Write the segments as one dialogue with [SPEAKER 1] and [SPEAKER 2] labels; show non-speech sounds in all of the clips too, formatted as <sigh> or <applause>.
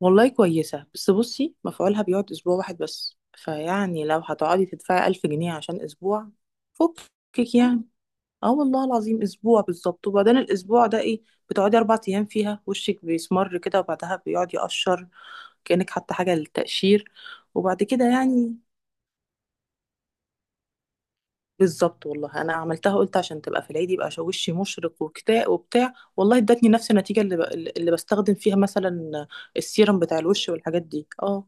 [SPEAKER 1] والله كويسة، بس بصي مفعولها بيقعد أسبوع واحد بس، فيعني لو هتقعدي تدفعي ألف جنيه عشان أسبوع. فكك يعني. اه والله العظيم أسبوع بالظبط، وبعدين الأسبوع ده إيه؟ بتقعدي أربع أيام فيها وشك بيسمر كده، وبعدها بيقعد يقشر كأنك حاطة حاجة للتقشير. وبعد كده يعني بالظبط والله. أنا عملتها، قلت عشان تبقى في العيد يبقى وشي مشرق وكتاء وبتاع، والله ادتني نفس النتيجة اللي بستخدم فيها مثلا السيرم بتاع الوش والحاجات دي، اه.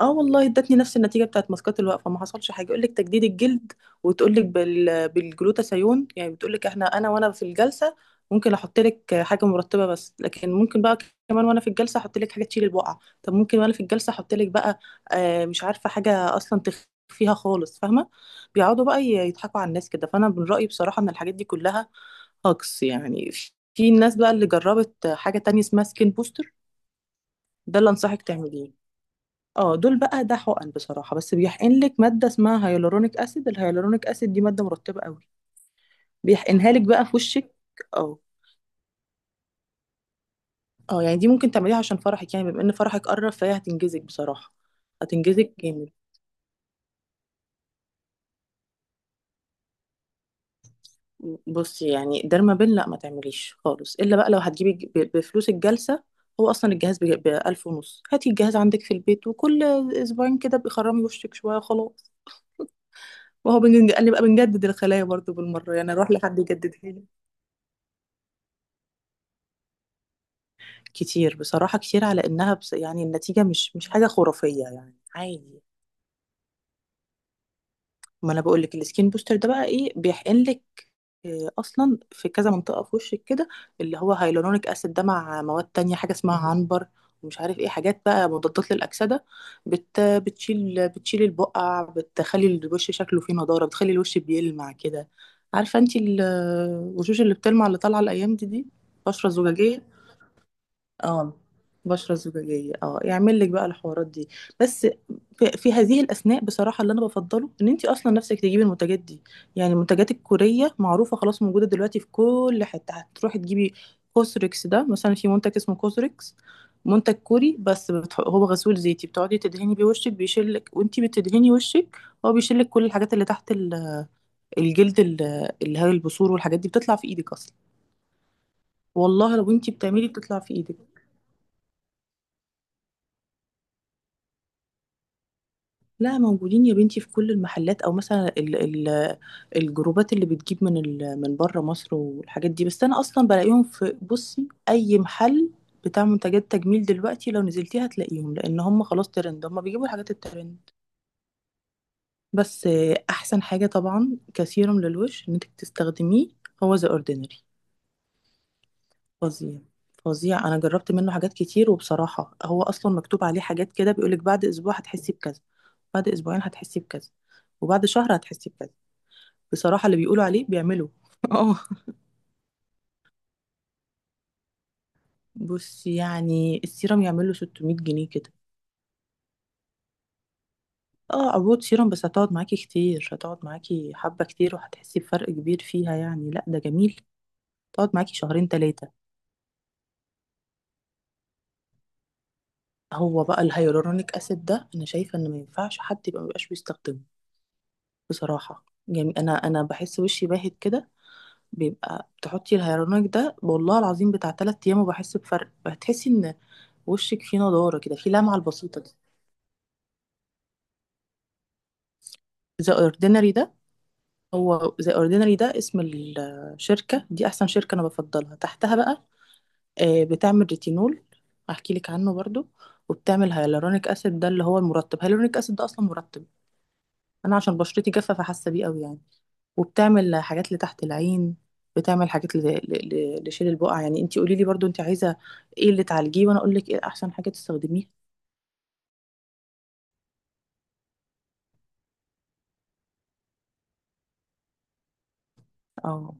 [SPEAKER 1] اه والله ادتني نفس النتيجه بتاعت ماسكات الوقفه، ما حصلش حاجه. يقول لك تجديد الجلد وتقول لك بالجلوتاثيون، يعني بتقول لك احنا انا وانا في الجلسه ممكن احط لك حاجه مرطبه بس، لكن ممكن بقى كمان وانا في الجلسه احط لك حاجه تشيل البقع، طب ممكن وانا في الجلسه احط لك بقى مش عارفه حاجه اصلا تخفيها خالص، فاهمه؟ بيقعدوا بقى يضحكوا على الناس كده. فانا من رايي بصراحه ان الحاجات دي كلها هاكس. يعني في الناس بقى اللي جربت حاجه تانية اسمها سكين بوستر. ده اللي انصحك تعمليه. اه، دول بقى ده حقن بصراحه، بس بيحقن لك ماده اسمها هيالورونيك اسيد. الهيالورونيك اسيد دي ماده مرطبه قوي، بيحقنها لك بقى في وشك. اه اه، يعني دي ممكن تعمليها عشان فرحك، يعني بما ان فرحك قرب فهي هتنجزك بصراحه. هتنجزك جامد. بصي يعني درمابين لا ما تعمليش خالص، الا بقى لو هتجيبي بفلوس الجلسه. هو اصلا الجهاز ب 1000 ونص، هاتي الجهاز عندك في البيت وكل اسبوعين كده بيخرمي وشك شويه وخلاص. وهو قال لي بقى بنجدد الخلايا برضو بالمره، يعني اروح لحد يجددها لي. كتير بصراحة، كتير على انها بس يعني النتيجة مش حاجة خرافية، يعني عادي. ما انا بقول لك السكين بوستر ده بقى ايه، بيحقن لك إيه اصلا في كذا منطقة في وشك كده، اللي هو هيلورونيك اسيد ده مع مواد تانية، حاجة اسمها عنبر ومش عارف ايه، حاجات بقى مضادات للأكسدة. بت بتشيل بتشيل البقع، بتخلي الوش شكله فيه نضارة، بتخلي الوش بيلمع كده. عارفة انتي الوشوش اللي بتلمع اللي طالعة الأيام دي بشرة زجاجية، اه. بشرة زجاجية اه، يعمل لك بقى الحوارات دي. بس في هذه الأثناء بصراحة اللي أنا بفضله إن أنت أصلا نفسك تجيبي المنتجات دي. يعني المنتجات الكورية معروفة خلاص، موجودة دلوقتي في كل حتة هتروحي تجيبي. كوسريكس ده مثلا، في منتج اسمه كوسريكس، منتج كوري بس هو غسول زيتي بتقعدي تدهني بيه وشك، بيشيلك وانتي بتدهني وشك. هو بيشيلك كل الحاجات اللي تحت الجلد اللي هي البثور والحاجات دي، بتطلع في ايدك اصلا. والله لو انتي بتعملي بتطلع في ايدك. لا موجودين يا بنتي في كل المحلات، او مثلا ال ال الجروبات اللي بتجيب من من بره مصر والحاجات دي، بس انا اصلا بلاقيهم في، بصي اي محل بتاع منتجات تجميل دلوقتي لو نزلتيها هتلاقيهم، لان هم خلاص ترند، هم بيجيبوا الحاجات الترند. بس احسن حاجه طبعا كسيروم للوش انك تستخدميه هو ذا اوردينري. فظيع، فظيع. انا جربت منه حاجات كتير وبصراحه هو اصلا مكتوب عليه حاجات كده، بيقولك بعد اسبوع هتحسي بكذا، بعد اسبوعين هتحسي بكذا، وبعد شهر هتحسي بكذا. بصراحة اللي بيقولوا عليه بيعملوا. <laughs> اه. بص، يعني السيرم يعمل له 600 جنيه كده. اه، عروض. سيرم بس هتقعد معاكي كتير، هتقعد معاكي حبة كتير، وهتحسي بفرق كبير فيها يعني، لا ده جميل. تقعد معاكي شهرين تلاتة. هو بقى الهيالورونيك اسيد ده انا شايفة ان ما ينفعش حد يبقى مبيبقاش بيستخدمه. بصراحة يعني انا بحس وشي باهت كده. بيبقى بتحطي الهيالورونيك ده والله العظيم بتاع تلات ايام وبحس بفرق، هتحسي ان وشك فيه نضارة كده، فيه لمعة البسيطة دي. ذا اوردينري. هو ذا اوردينري ده اسم الشركة، دي أحسن شركة أنا بفضلها تحتها بقى. بتعمل ريتينول، هحكي لك عنه برضو. وبتعمل هيالورونيك أسيد، ده اللي هو المرطب. هيالورونيك أسيد ده أصلا مرطب. أنا عشان بشرتي جافة فحاسة بيه قوي يعني. وبتعمل حاجات لتحت العين، بتعمل حاجات لشيل البقع. يعني انتي قولي لي برضو انتي عايزة ايه اللي تعالجيه وأنا أقول لك ايه أحسن حاجة تستخدميها. اه.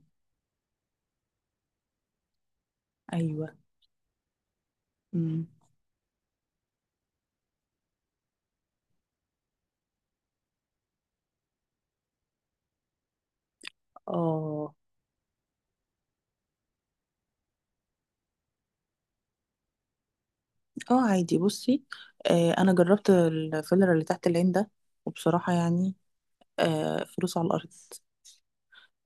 [SPEAKER 1] أيوه. أمم. اه اه. عادي بصي. انا جربت الفيلر اللي تحت العين ده، وبصراحه يعني فلوس على الارض.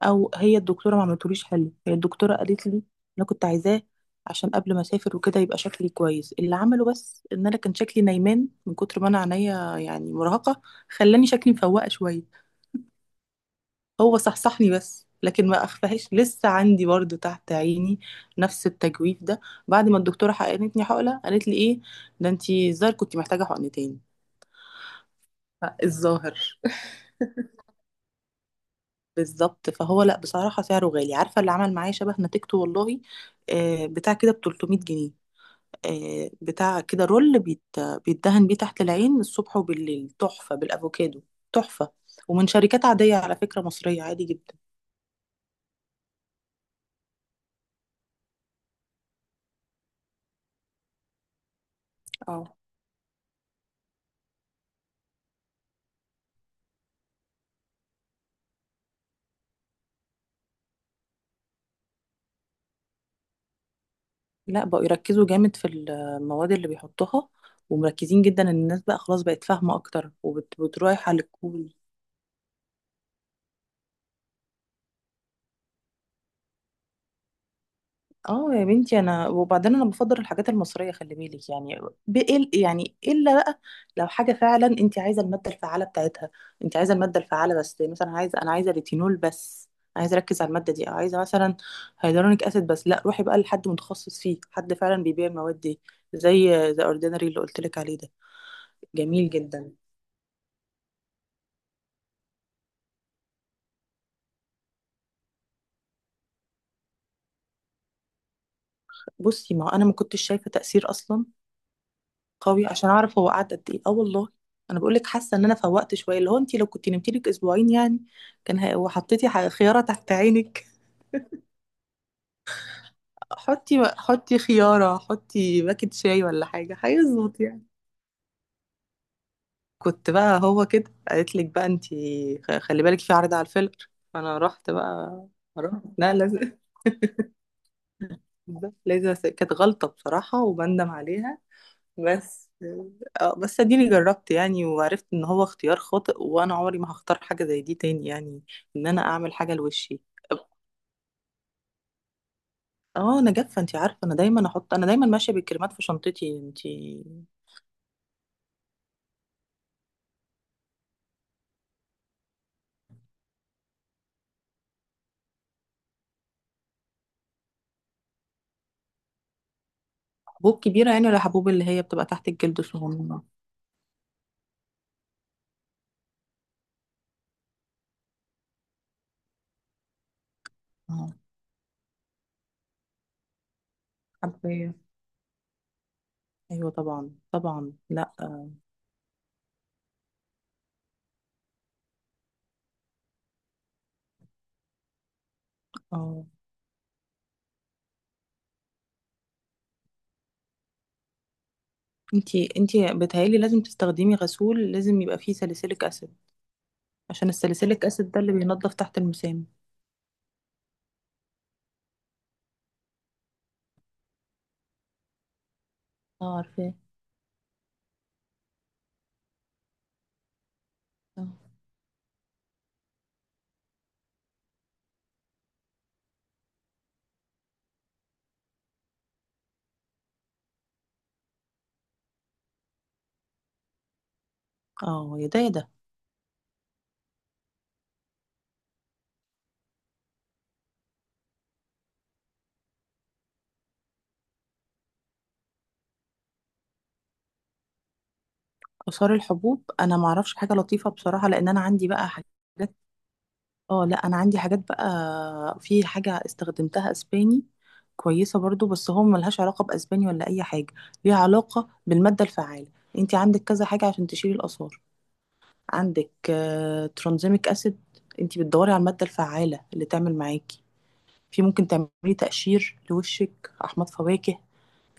[SPEAKER 1] او هي الدكتوره ما عملتوليش حلو. هي الدكتوره قالت لي، انا كنت عايزاه عشان قبل ما اسافر وكده يبقى شكلي كويس. اللي عمله بس ان انا كان شكلي نايمان من كتر ما انا عينيا يعني مرهقه، خلاني شكلي مفوقه شويه. هو صحصحني بس، لكن ما اخفهاش. لسه عندي برضو تحت عيني نفس التجويف ده. بعد ما الدكتوره حقنتني حقنه قالت لي ايه، ده انتي الظاهر كنت محتاجه حقنتين. <laughs> الظاهر. بالظبط. فهو لا بصراحة سعره غالي. عارفة اللي عمل معايا شبه نتيجته والله، بتاع كده ب 300 جنيه، بتاع كده رول بيت، بيتدهن بيه تحت العين الصبح وبالليل، تحفة بالأفوكادو. تحفة. ومن شركات عادية على فكرة، مصرية عادي جدا. اه، لا بقوا يركزوا جامد في المواد اللي بيحطوها، ومركزين جدا ان الناس بقى خلاص بقت فاهمة اكتر وبتروح على الكول. اه يا بنتي. انا وبعدين انا بفضل الحاجات المصريه، خلي بالك يعني. يعني الا بقى لو حاجه فعلا انت عايزه الماده الفعاله بتاعتها. انت عايزه الماده الفعاله بس، مثلا انا عايزه ريتينول بس، عايزه اركز على الماده دي، او عايزه مثلا هيدرونيك اسيد بس، لا روحي بقى لحد متخصص فيه، حد فعلا بيبيع المواد دي زي ذا اوردينري اللي قلت لك عليه ده. جميل جدا. بصي ما هو انا ما كنتش شايفه تاثير اصلا قوي عشان اعرف هو قعد قد ايه، اه والله. انا بقول لك حاسه ان انا فوقت شويه، اللي هو انت لو كنت نمتي لك اسبوعين يعني كان وحطيتي خياره تحت عينك. حطي حطي خياره، حطي باكت شاي ولا حاجه هيظبط يعني. كنت بقى هو كده قالت لك بقى، انت خلي بالك في عرض على الفيلر، فانا رحت بقى. رحت لا لازم. <laughs> بالظبط، لازم. كانت غلطه بصراحه وبندم عليها. بس اه، بس اديني جربت يعني وعرفت ان هو اختيار خاطئ، وانا عمري ما هختار حاجه زي دي تاني يعني، ان انا اعمل حاجه لوشي. اه انا جافه، انتي عارفه انا دايما ماشيه بالكريمات في شنطتي انتي. حبوب كبيره يعني ولا حبوب اللي هي بتبقى تحت الجلد صغننه؟ اه، حبية. ايوه طبعا طبعا، لا اه. آه. انتي بتهيألي لازم تستخدمي غسول، لازم يبقى فيه ساليسيليك اسيد، عشان الساليسيليك اسيد ده اللي بينضف تحت المسام. اه عارفاه. اه اه يا ده يا ده. آثار الحبوب انا ما اعرفش حاجه لطيفه بصراحه، لان انا عندي بقى حاجات. اه لا انا عندي حاجات بقى، في حاجه استخدمتها اسباني كويسه برضو، بس هو ملهاش علاقه باسباني ولا اي حاجه، ليها علاقه بالماده الفعاله. انت عندك كذا حاجه عشان تشيلي الاثار. عندك ترانزيميك اسيد. انت بتدوري على الماده الفعاله اللي تعمل معاكي. في ممكن تعملي تقشير لوشك، احماض فواكه،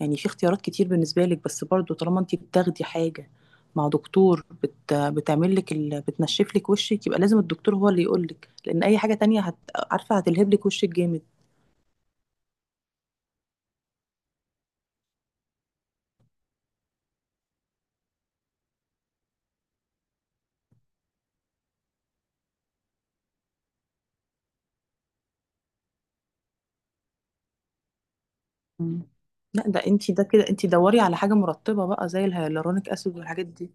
[SPEAKER 1] يعني في اختيارات كتير بالنسبه لك. بس برضو طالما انت بتاخدي حاجه مع دكتور بتعمل لك بتنشف لك وشك، يبقى لازم الدكتور هو اللي يقول لك، لان اي حاجه تانية عارفه هتلهب لك وشك جامد. مم. لا ده انت ده كده، انت دوري على حاجه مرطبه بقى زي الهيالورونيك اسيد والحاجات دي.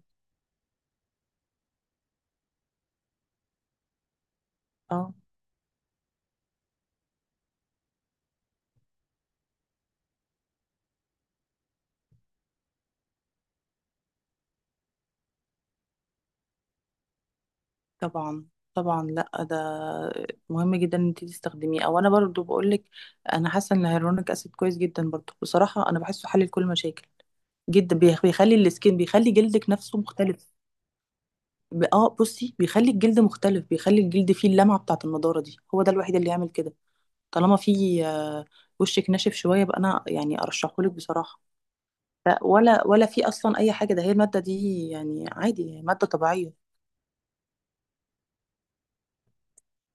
[SPEAKER 1] اه، طبعا طبعا. لا ده مهم جدا ان انت تستخدميه. او انا برضو بقولك انا حاسه ان الهيرونيك اسيد كويس جدا برضو، بصراحه انا بحسه حل لكل مشاكل، جدا بيخلي السكين، بيخلي جلدك نفسه مختلف. بصي بيخلي الجلد مختلف، بيخلي الجلد فيه اللمعه بتاعه النضاره دي، هو ده الوحيد اللي يعمل كده. طالما فيه وشك ناشف شويه بقى، انا يعني ارشحهولك بصراحه. لا ولا ولا، في اصلا اي حاجه؟ ده هي الماده دي يعني عادي، هي ماده طبيعيه.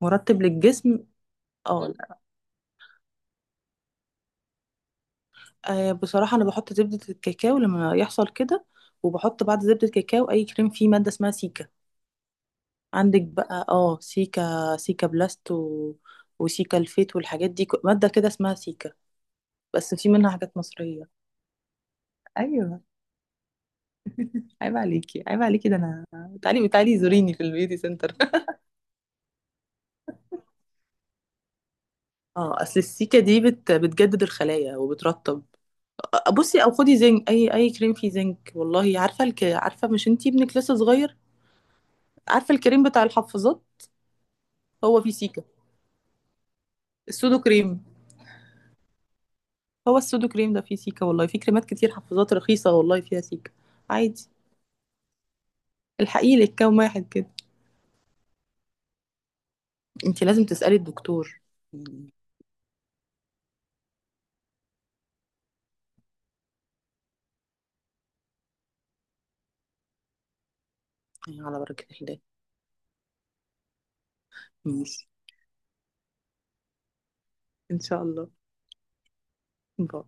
[SPEAKER 1] مرطب للجسم. اه. بصراحة أنا بحط زبدة الكاكاو لما يحصل كده. وبحط بعد زبدة الكاكاو أي كريم فيه مادة اسمها سيكا. عندك بقى اه، سيكا، سيكا بلاست وسيكا الفيت والحاجات دي، مادة كده اسمها سيكا. بس في منها حاجات مصرية. ايوه. عيب عليكي عيب عليكي، ده انا تعالي تعالي زوريني في البيوتي سنتر. <laughs> اه أصل السيكا دي بتجدد الخلايا وبترطب. بصي، أو خدي زنك، أي كريم فيه زنك والله. عارفة عارفة، مش انتي ابنك لسه صغير؟ عارفة الكريم بتاع الحفاظات، هو فيه سيكا. السودو كريم، هو السودو كريم ده فيه سيكا والله. في كريمات كتير حفاظات رخيصة والله فيها سيكا، عادي. الحقيقي لك كام واحد كده. انت لازم تسألي الدكتور. مم. على بركة الله. ماشي. ان شاء الله. باي.